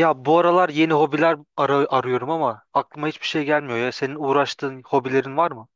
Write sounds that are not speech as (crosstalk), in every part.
Ya bu aralar yeni hobiler arıyorum ama aklıma hiçbir şey gelmiyor ya. Senin uğraştığın hobilerin var mı?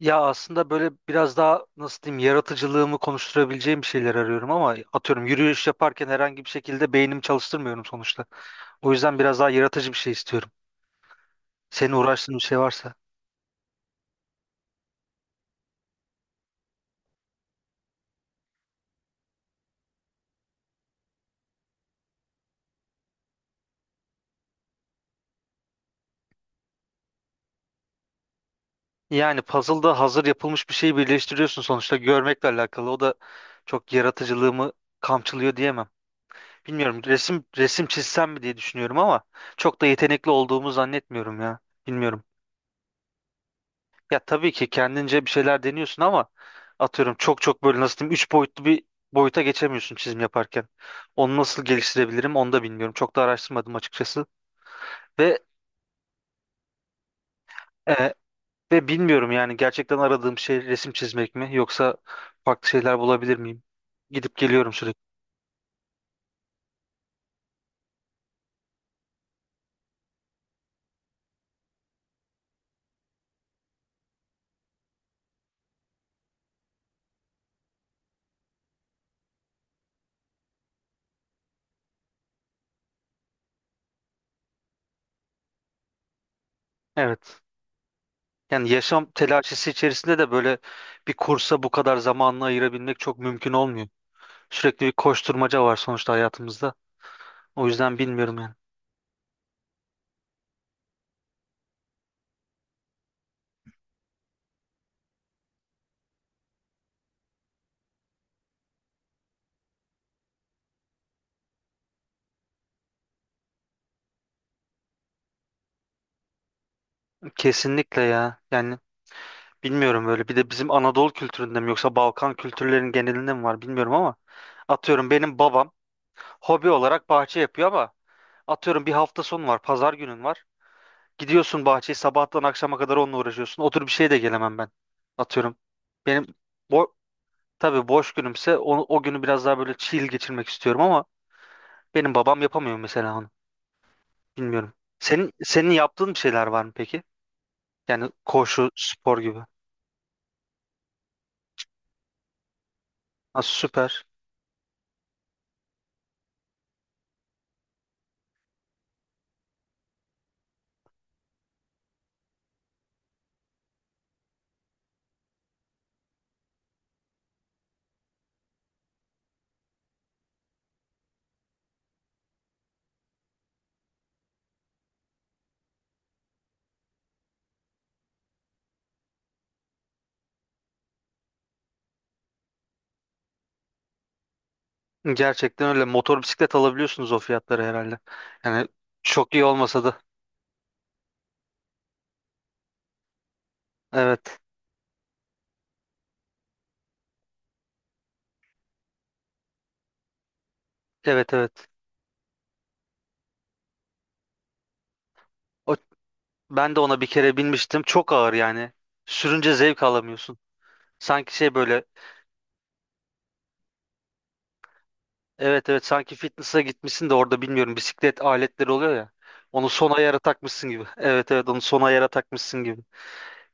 Ya aslında böyle biraz daha nasıl diyeyim yaratıcılığımı konuşturabileceğim bir şeyler arıyorum ama atıyorum yürüyüş yaparken herhangi bir şekilde beynimi çalıştırmıyorum sonuçta. O yüzden biraz daha yaratıcı bir şey istiyorum. Senin uğraştığın bir şey varsa. Yani puzzle'da hazır yapılmış bir şeyi birleştiriyorsun sonuçta görmekle alakalı. O da çok yaratıcılığımı kamçılıyor diyemem. Bilmiyorum resim çizsem mi diye düşünüyorum ama çok da yetenekli olduğumu zannetmiyorum ya. Bilmiyorum. Ya tabii ki kendince bir şeyler deniyorsun ama atıyorum çok çok böyle nasıl diyeyim 3 boyutlu bir boyuta geçemiyorsun çizim yaparken. Onu nasıl geliştirebilirim onu da bilmiyorum. Çok da araştırmadım açıkçası. Ve e, ve bilmiyorum yani gerçekten aradığım şey resim çizmek mi yoksa farklı şeyler bulabilir miyim? Gidip geliyorum sürekli. Evet. Yani yaşam telaşesi içerisinde de böyle bir kursa bu kadar zamanını ayırabilmek çok mümkün olmuyor. Sürekli bir koşturmaca var sonuçta hayatımızda. O yüzden bilmiyorum yani. Kesinlikle ya. Yani bilmiyorum böyle. Bir de bizim Anadolu kültüründe mi yoksa Balkan kültürlerinin genelinde mi var bilmiyorum ama atıyorum benim babam hobi olarak bahçe yapıyor ama atıyorum bir hafta sonu var, pazar günün var. Gidiyorsun bahçeyi sabahtan akşama kadar onunla uğraşıyorsun. Otur bir şey de gelemem ben. Atıyorum. Benim bo tabii boş günümse o günü biraz daha böyle chill geçirmek istiyorum ama benim babam yapamıyor mesela onu. Bilmiyorum. Senin yaptığın bir şeyler var mı peki? Yani koşu, spor gibi. Ha, süper. Gerçekten öyle. Motor bisiklet alabiliyorsunuz o fiyatları herhalde. Yani çok iyi olmasa da. Evet. Evet, evet. O, ben de ona bir kere binmiştim. Çok ağır yani. Sürünce zevk alamıyorsun. Sanki şey böyle. Evet, evet, sanki fitness'a gitmişsin de orada bilmiyorum bisiklet aletleri oluyor ya. Onu son ayara takmışsın gibi. (laughs) Evet, evet, onu son ayara takmışsın gibi.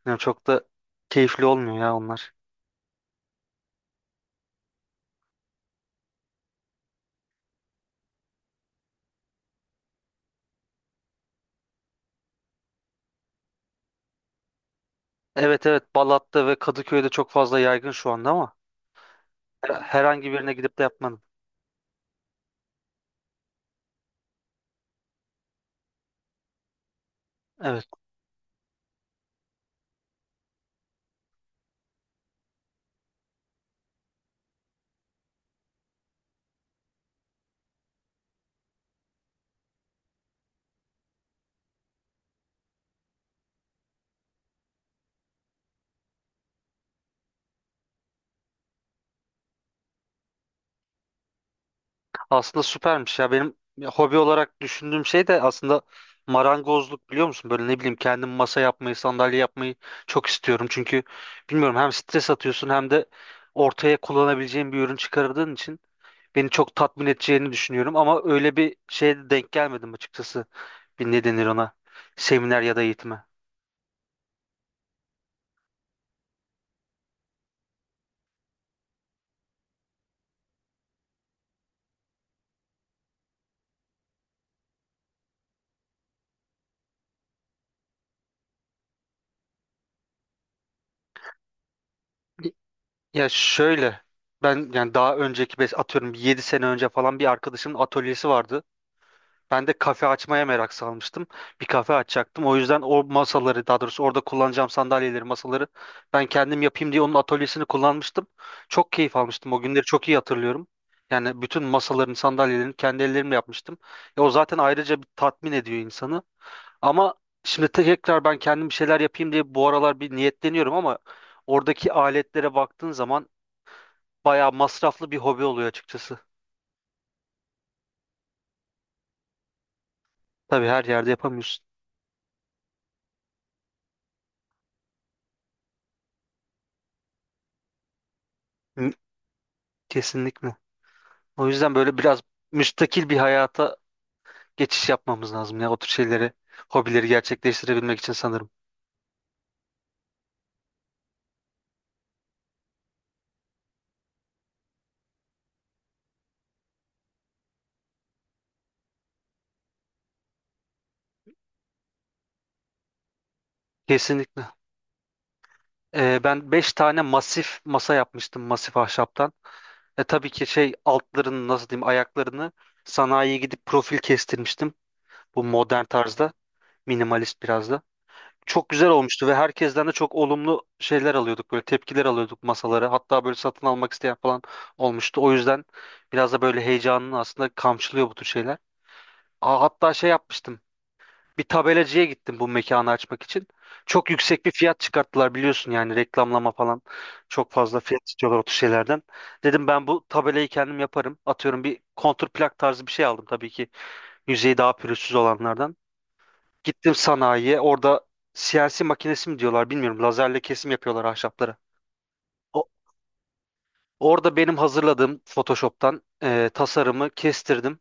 Yani çok da keyifli olmuyor ya onlar. Evet, evet, Balat'ta ve Kadıköy'de çok fazla yaygın şu anda ama. Herhangi birine gidip de yapmadım. Evet. Aslında süpermiş ya. Benim hobi olarak düşündüğüm şey de aslında marangozluk, biliyor musun? Böyle ne bileyim kendim masa yapmayı, sandalye yapmayı çok istiyorum. Çünkü bilmiyorum, hem stres atıyorsun hem de ortaya kullanabileceğin bir ürün çıkardığın için beni çok tatmin edeceğini düşünüyorum. Ama öyle bir şeye de denk gelmedim açıkçası. Bir ne denir ona? Seminer ya da eğitime. Ya şöyle, ben yani daha önceki atıyorum 7 sene önce falan bir arkadaşımın atölyesi vardı. Ben de kafe açmaya merak salmıştım. Bir kafe açacaktım. O yüzden o masaları, daha doğrusu orada kullanacağım sandalyeleri, masaları ben kendim yapayım diye onun atölyesini kullanmıştım. Çok keyif almıştım. O günleri çok iyi hatırlıyorum. Yani bütün masaların, sandalyelerini kendi ellerimle yapmıştım. E, o zaten ayrıca bir tatmin ediyor insanı. Ama şimdi tekrar ben kendim bir şeyler yapayım diye bu aralar bir niyetleniyorum ama oradaki aletlere baktığın zaman bayağı masraflı bir hobi oluyor açıkçası. Tabii her yerde yapamıyorsun. Hı. Kesinlikle. O yüzden böyle biraz müstakil bir hayata geçiş yapmamız lazım ya o tür şeyleri, hobileri gerçekleştirebilmek için sanırım. Kesinlikle. Ben 5 tane masif masa yapmıştım masif ahşaptan. E, tabii ki şey altlarını nasıl diyeyim ayaklarını sanayiye gidip profil kestirmiştim. Bu modern tarzda, minimalist biraz da. Çok güzel olmuştu ve herkesten de çok olumlu şeyler alıyorduk, böyle tepkiler alıyorduk masaları. Hatta böyle satın almak isteyen falan olmuştu. O yüzden biraz da böyle heyecanını aslında kamçılıyor bu tür şeyler. Aa, hatta şey yapmıştım. Bir tabelacıya gittim bu mekanı açmak için. Çok yüksek bir fiyat çıkarttılar, biliyorsun yani reklamlama falan. Çok fazla fiyat istiyorlar o tür şeylerden. Dedim ben bu tabelayı kendim yaparım. Atıyorum bir kontur plak tarzı bir şey aldım tabii ki. Yüzeyi daha pürüzsüz olanlardan. Gittim sanayiye. Orada CNC makinesi mi diyorlar bilmiyorum. Lazerle kesim yapıyorlar ahşapları. O- Orada benim hazırladığım Photoshop'tan tasarımı kestirdim.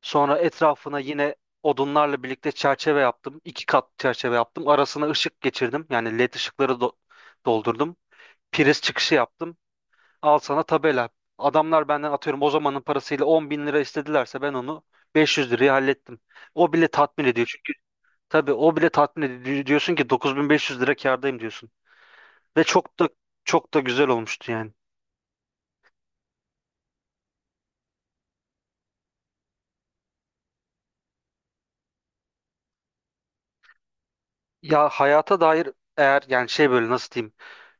Sonra etrafına yine odunlarla birlikte çerçeve yaptım. İki kat çerçeve yaptım. Arasına ışık geçirdim. Yani led ışıkları doldurdum. Priz çıkışı yaptım. Al sana tabela. Adamlar benden atıyorum o zamanın parasıyla 10 bin lira istedilerse ben onu 500 liraya hallettim. O bile tatmin ediyor çünkü. Tabii o bile tatmin ediyor. Diyorsun ki 9.500 lira kârdayım diyorsun. Ve çok da çok da güzel olmuştu yani. Ya hayata dair, eğer yani şey böyle nasıl diyeyim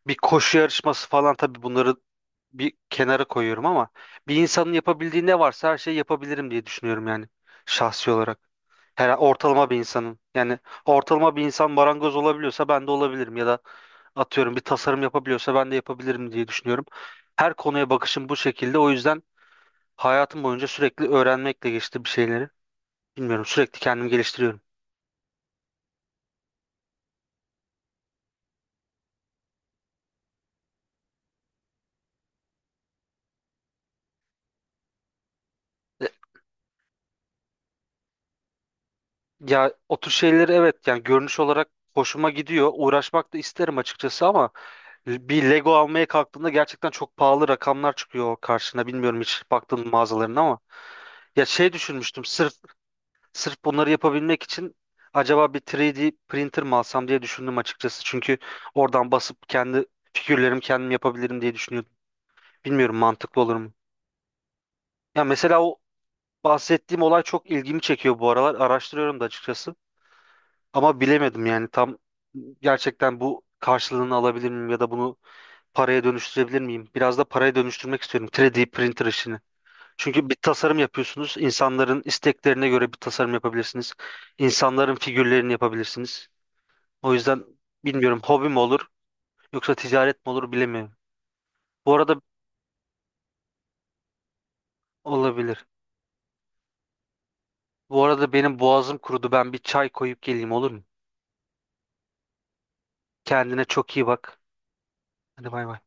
bir koşu yarışması falan, tabii bunları bir kenara koyuyorum ama bir insanın yapabildiği ne varsa her şeyi yapabilirim diye düşünüyorum yani şahsi olarak. Her ortalama bir insanın yani ortalama bir insan marangoz olabiliyorsa ben de olabilirim ya da atıyorum bir tasarım yapabiliyorsa ben de yapabilirim diye düşünüyorum. Her konuya bakışım bu şekilde, o yüzden hayatım boyunca sürekli öğrenmekle geçti bir şeyleri. Bilmiyorum, sürekli kendimi geliştiriyorum. Ya o tür şeyleri evet, yani görünüş olarak hoşuma gidiyor. Uğraşmak da isterim açıkçası ama bir Lego almaya kalktığında gerçekten çok pahalı rakamlar çıkıyor karşına. Bilmiyorum hiç baktığın mağazalarına ama. Ya şey düşünmüştüm, sırf bunları yapabilmek için acaba bir 3D printer mi alsam diye düşündüm açıkçası. Çünkü oradan basıp kendi figürlerimi kendim yapabilirim diye düşünüyordum. Bilmiyorum mantıklı olur mu? Ya mesela o bahsettiğim olay çok ilgimi çekiyor bu aralar. Araştırıyorum da açıkçası. Ama bilemedim yani tam, gerçekten bu karşılığını alabilir miyim ya da bunu paraya dönüştürebilir miyim? Biraz da paraya dönüştürmek istiyorum 3D printer işini. Çünkü bir tasarım yapıyorsunuz. İnsanların isteklerine göre bir tasarım yapabilirsiniz. İnsanların figürlerini yapabilirsiniz. O yüzden bilmiyorum hobi mi olur yoksa ticaret mi olur bilemiyorum. Bu arada olabilir. Bu arada benim boğazım kurudu. Ben bir çay koyup geleyim, olur mu? Kendine çok iyi bak. Hadi bay bay.